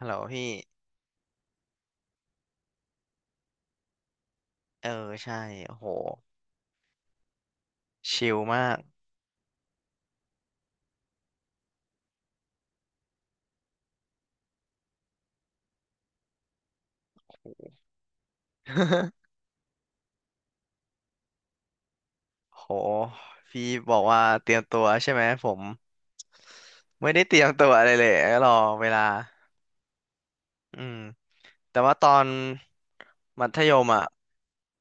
ฮัลโหลพี่ เออใช่โอ้โห ชิลมาก โห พี่บอกว่าเตรียมตัวใช่ไหมผมไม่ได้เตรียมตัวอะไรเลยรอเวลาอืมแต่ว่าตอนมัธยมอ่ะ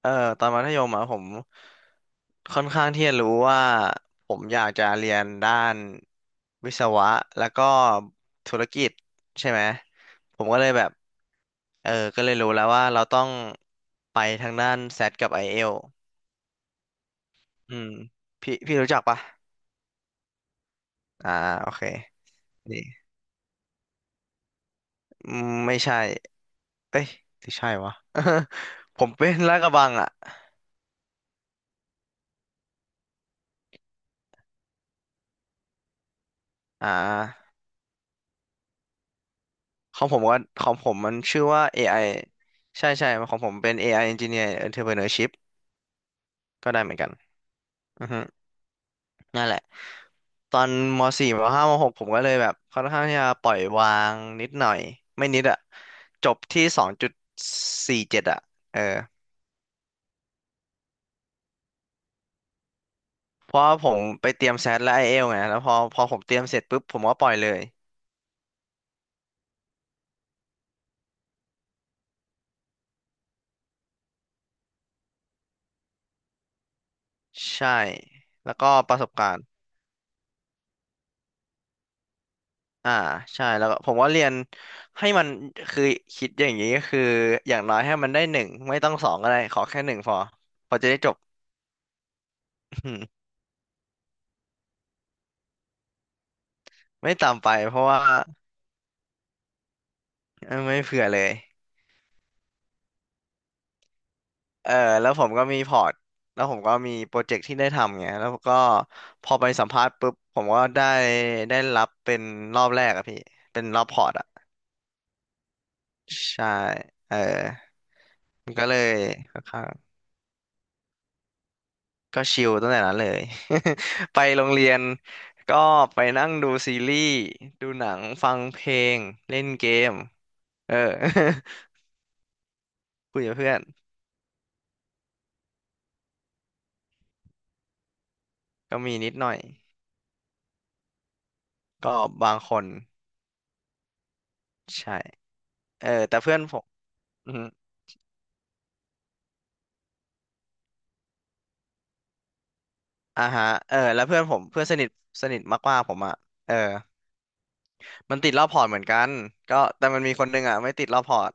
เออตอนมัธยมอ่ะผมค่อนข้างที่จะรู้ว่าผมอยากจะเรียนด้านวิศวะแล้วก็ธุรกิจใช่ไหมผมก็เลยแบบเออก็เลยรู้แล้วว่าเราต้องไปทางด้านแซดกับไอเอล อืมพี่รู้จักปะอ่าโอเคนี่อืมไม่ใช่เอ้ยหรือใช่วะ ผมเป็นลาดกระบังอ่ะอ่าของผมก็ของผมมันชื่อว่า AI ใช่ใช่ของผมเป็น AI Engineer Entrepreneurship ก็ได้เหมือนกันอือฮึนั่นแหละตอนม .4 ม .5 ม .6 ผมก็เลยแบบค่อนข้างที่จะปล่อยวางนิดหน่อยไม่นิดอ่ะจบที่2.47องจุดสี่เจ็ดอะเออ เพราะว่าผมไปเตรียมแซดและไอเอลไงแล้วพอผมเตรียมเสร็จปุ๊บผมก็ปล่อยเลยใช่แล้วก็ประสบการณ์อ่าใช่แล้วก็ผมว่าเรียนให้มันคือคิดอย่างนี้ก็คืออย่างน้อยให้มันได้หนึ่งไม่ต้องสองก็ได้ขอแค่หนึ่งพอพอจะได้จบ ไม่ตามไปเพราะว่าเออไม่เผื่อเลยเออแล้วผมก็มีพอร์ตแล้วผมก็มีโปรเจกต์ที่ได้ทำไงแล้วก็พอไปสัมภาษณ์ปุ๊บผมก็ได้ได้รับเป็นรอบแรกอะพี่เป็นรอบพอร์ตอะ ใช่เออมันก็เลยค่อนข้างก็ชิลตั้งแต่นั้นเลย ไปโรงเรียนก็ไปนั่งดูซีรีส์ดูหนังฟังเพลงเล่นเกมเออ คุยกับเพื่อนก็มีนิดหน่อยก็บางคนใช่เออแต่เพื่อนผมอืมอ่าฮะเออแล้วเพื่อนผมเพื่อนสนิทสนิทมากๆผมอ่ะเออมันติดรอบพอร์ตเหมือนกันก็แต่มันมีคนหนึงอ่ะไม่ติดรอบพอร์ต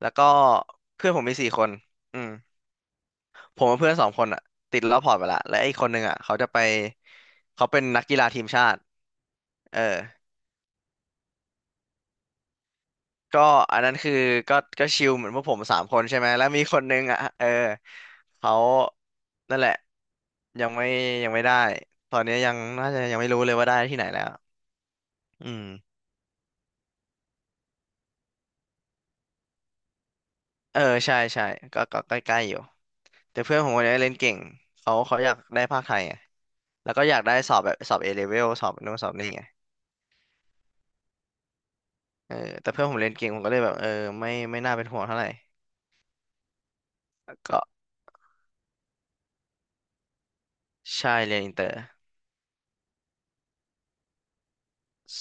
แล้วก็เพื่อนผมมีสี่คนอืม ผมกับเพื่อนสองคนอะติดแล้วพอร์ตไปละและอีกคนนึงอะเขาจะไปเขาเป็นนักกีฬาทีมชาติเออก็อันนั้นคือก็ชิลเหมือนพวกผมสามคนใช่ไหมแล้วมีคนนึงอ่ะเออเขานั่นแหละยังไม่ยังไม่ได้ตอนนี้ยังน่าจะยังไม่รู้เลยว่าได้ที่ไหนแล้วอืมเออใช่ใช่ก็ใกล้ๆอยู่แต่เพื่อนผมคนนี้เล่นเก่งเขาเขาอยากได้ภาคไทยไงแล้วก็อยากได้สอบแบบสอบเอเลเวลสอบนู่นสอบนี่ไง เออแต่เพื่อนผมเรียนเก่งผมก็เลยแบบเออไม่น่าเป็นห่วงเท่าไหร่ก็ใช่เรียนอินเตอร์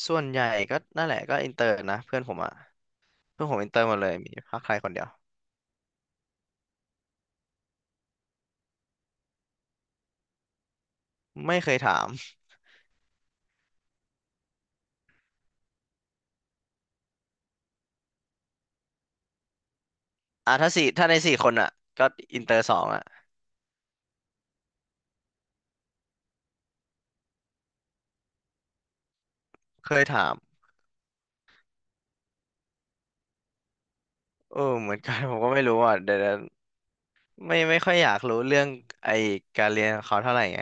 ส่วนใหญ่ก็นั่นแหละก็อินเตอร์นะเพื่อนผมอ่ะเพื่อนผมอินเตอร์หมดเลยมีภาคไทยคนเดียวไม่เคยถามอ่ะถ้าสี่ถ้าในสี่คนอ่ะก็อินเตอร์สองอ่ะเคยถามเออเหมือนกัน ผมก็ไม่รู้อ่ะเดี๋ยวเดี๋ยวไม่ค่อยอยากรู้เรื่องไอการเรียนของเขาเท่าไหร่ไง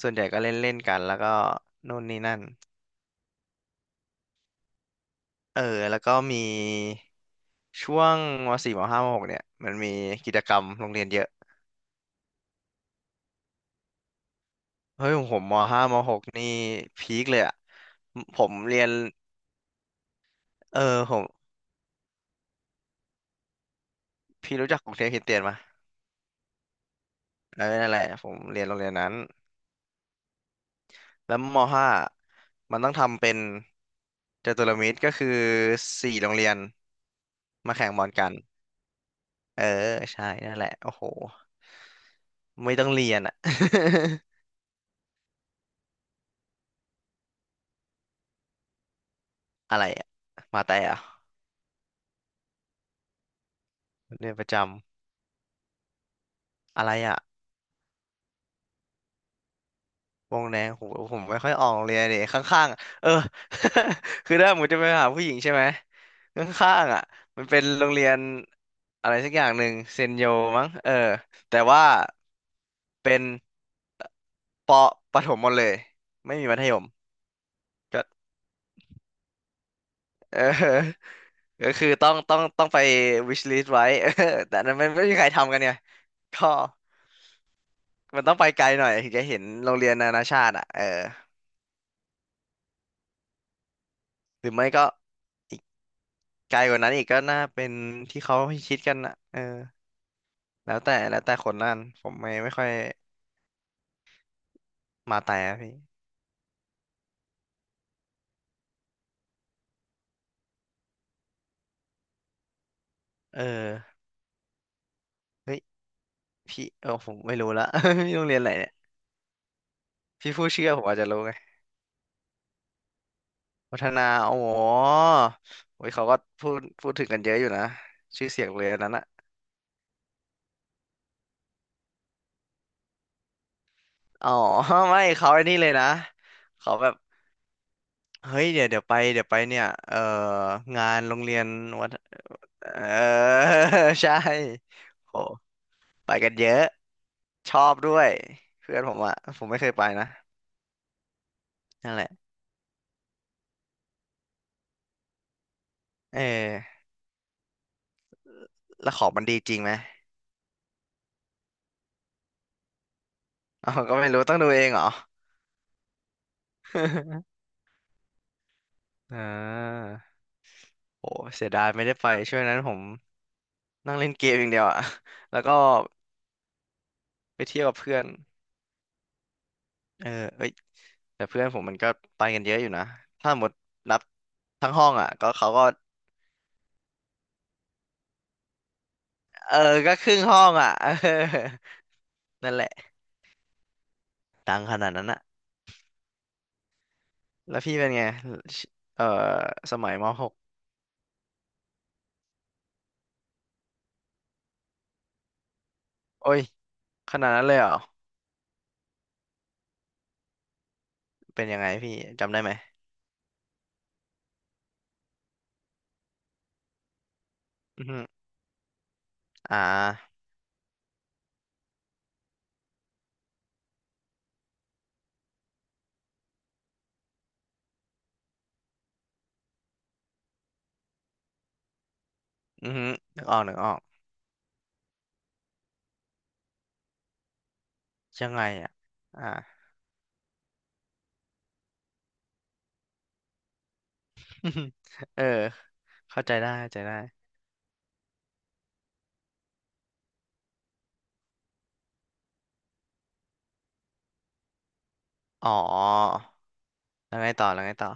ส่วนใหญ่ก็เล่นเล่นกันแล้วก็นู่นนี่นั่น เออแล้วก็มีช่วงมสี่มห้ามหกเนี่ยมันมีกิจกรรมโรงเรียนเยอะเฮ้ยของผมมห้ามหกนี่พีคเลยอ่ะผมเรียนเออผมพี่รู้จักกรุงเทพคริสเตียนมาเออนั่นแหละผมเรียนโรงเรียนนั้นแล้วมห้ามันต้องทำเป็นจตุรมิตรก็คือสี่โรงเรียนมาแข่งบอลกันเออใช่นั่นแหละโอ้โหไม่ต้องเรียนอ่ะ อะไรอ่ะมาแต่อ่ะเรียนประจำอะไรอ่ะ วงแดงผมผมไม่ค่อยออกเลยเนี่ยข้างๆอะเออ คือถ้าผมจะไปหาผู้หญิงใช่ไหมข้างๆอ่ะมันเป็นโรงเรียนอะไรสักอย่างหนึ่งเซนโยมั้งเออแต่ว่าเป็นปประถมหมดเลยไม่มีมัธยมก็เออ ก็คือต้องไป wish list ไว้ เออแต่อันนั้นมันไม่มีใครทำกันไงก็มันต้องไปไกลหน่อยถึงจะเห็นโรงเรียนนานาชาติอ่ะเออหรือไม่ก็ ไกลกว่านั้นอีกก็น่าเป็นที่เขาคิดกันนะเออแล้วแต่คนนั่นผมไม่ค่อยมาแต่อะพี่เออเฮ้ยพี่เออผมไม่รู้ละ พี่โรงเรียนอะไรเนี่ยพี่ผู้เชื่อผมอาจจะรู้ไงวัฒนาโอ้โหโอ้ยเขาก็พูดพูดถึงกันเยอะอยู่นะชื่อเสียงโรงเรียนนั้นอะอ๋อ ไม่เขาไอ้นี่เลยนะเขาแบบเฮ้ยเดี๋ยวเดี๋ยวไปเดี๋ยวไปเนี่ยเอองานโรงเรียนวัฒเออ ใช่โหไปกันเยอะ ชอบด้วยเพื่อนผมอะผมไม่เคยไปนะนั่นแหละเออแล้วของมันดีจริงไหมอ๋อก็ไม่รู้ต้องดูเองเหรอ อ่าโอ้เสียดายไม่ได้ไปช่วงนั้นผมนั่งเล่นเกมอย่างเดียวอะ แล้วก็ไปเที่ยวกับเพื่อนเออเอ้ยแต่เพื่อนผมมันก็ไปกันเยอะอยู่นะถ้าหมดนับทั้งห้องอ่ะก็เขาก็เออก็ครึ่งห้องอ่ะ เออนั่นแหละดังขนาดนั้นอะแล้วพี่เป็นไงเออสมัยมหกโอ้ยขนาดนั้นเลยเหรอ เป็นยังไงพี่จำได้ไหมอือฮึอ่าอือฮึนึกออกนึกออกยังไงอ่ะอ่า เออเข้าใจได้เข้าใจได้อ๋อแล้วไงต่อแล้วไงต่อ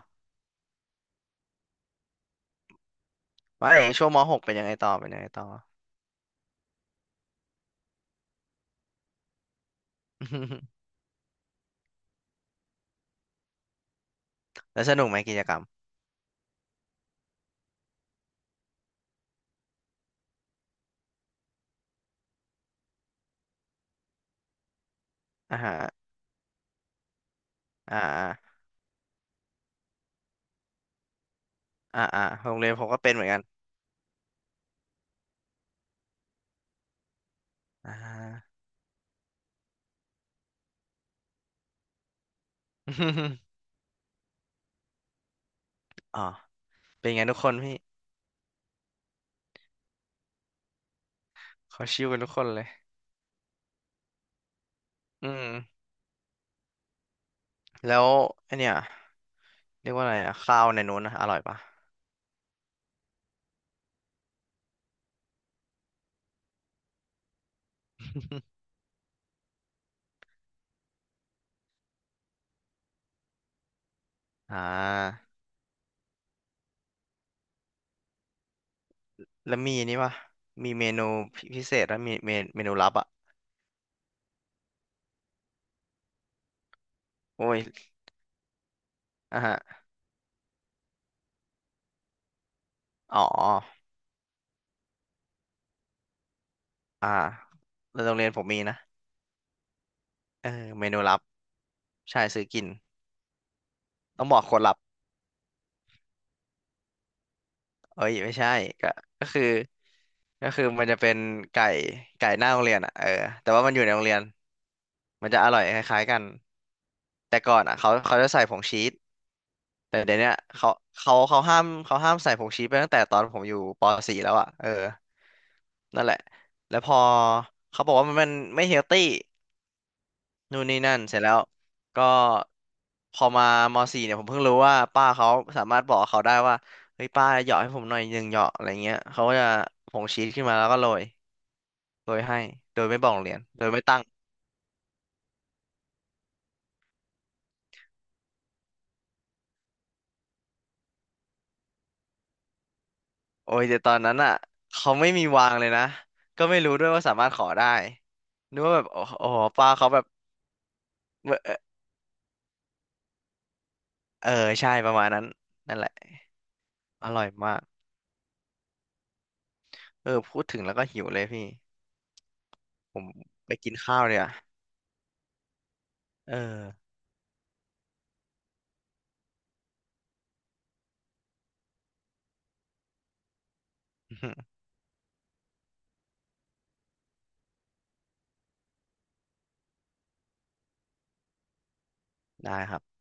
ว่าไอ้ช่วงมหกเป็นยังไงต่อเป็นยังไงต่อ แล้วสนุกไหมกิจกรรมอ่าฮะอ่าอ่าอ่าโรงเรียนผมก็เป็นเหมือนกันอ่า อ๋อเป็นไงทุกคนพี่เขาชิวกันทุกคนเลยอืมแล้วไอเนี่ยเรียกว่าอะไรอะข้าวในนู้นนะอร่อยปะ อ่า แล้วมีนี่ปะมีเมนูพิเศษแล้วมีเมนูลับอ่ะโอ้ยอ่ะฮะอ๋ออ่าแล้วโรงเรียนผมมีนะเออเมนูลับใช่ซื้อกินต้องบอกคนลับเอ้ยไม่ใช่ก็ก็คือก็คือมันจะเป็นไก่ไก่หน้าโรงเรียนอ่ะเออแต่ว่ามันอยู่ในโรงเรียนมันจะอร่อยคล้ายๆกันแต่ก่อนอ่ะเขาจะใส่ผงชีสแต่เดี๋ยวเนี้ยเขาเขาห้ามเขาห้ามใส่ผงชีสไปตั้งแต่ตอนผมอยู่ป .4 แล้วอ่ะเออนั่นแหละแล้วพอเขาบอกว่ามันไม่เฮลตี้ นู่นนี่นั่นเสร็จแล้วก็พอมามสี่เนี่ยผมเพิ่งรู้ว่าป้าเขาสามารถบอกเขาได้ว่าเฮ้ยป้าเหยาะให้ผมหน่อยหนึ่งเหยาะอะไรเงี้ยเขาก็จะผงชีสขึ้นมาแล้วก็โรยโรยให้โดยไม่บอกโรงเรียนโดยไม่ตั้งโอ้ยแต่ตอนนั้นอ่ะเขาไม่มีวางเลยนะก็ไม่รู้ด้วยว่าสามารถขอได้นึกว่าแบบโอ้โอ้โหป้าเขาแบบเออเออใช่ประมาณนั้นนั่นแหละอร่อยมากเออพูดถึงแล้วก็หิวเลยพี่ผมไปกินข้าวเลยอ่ะเออ ได้ครับ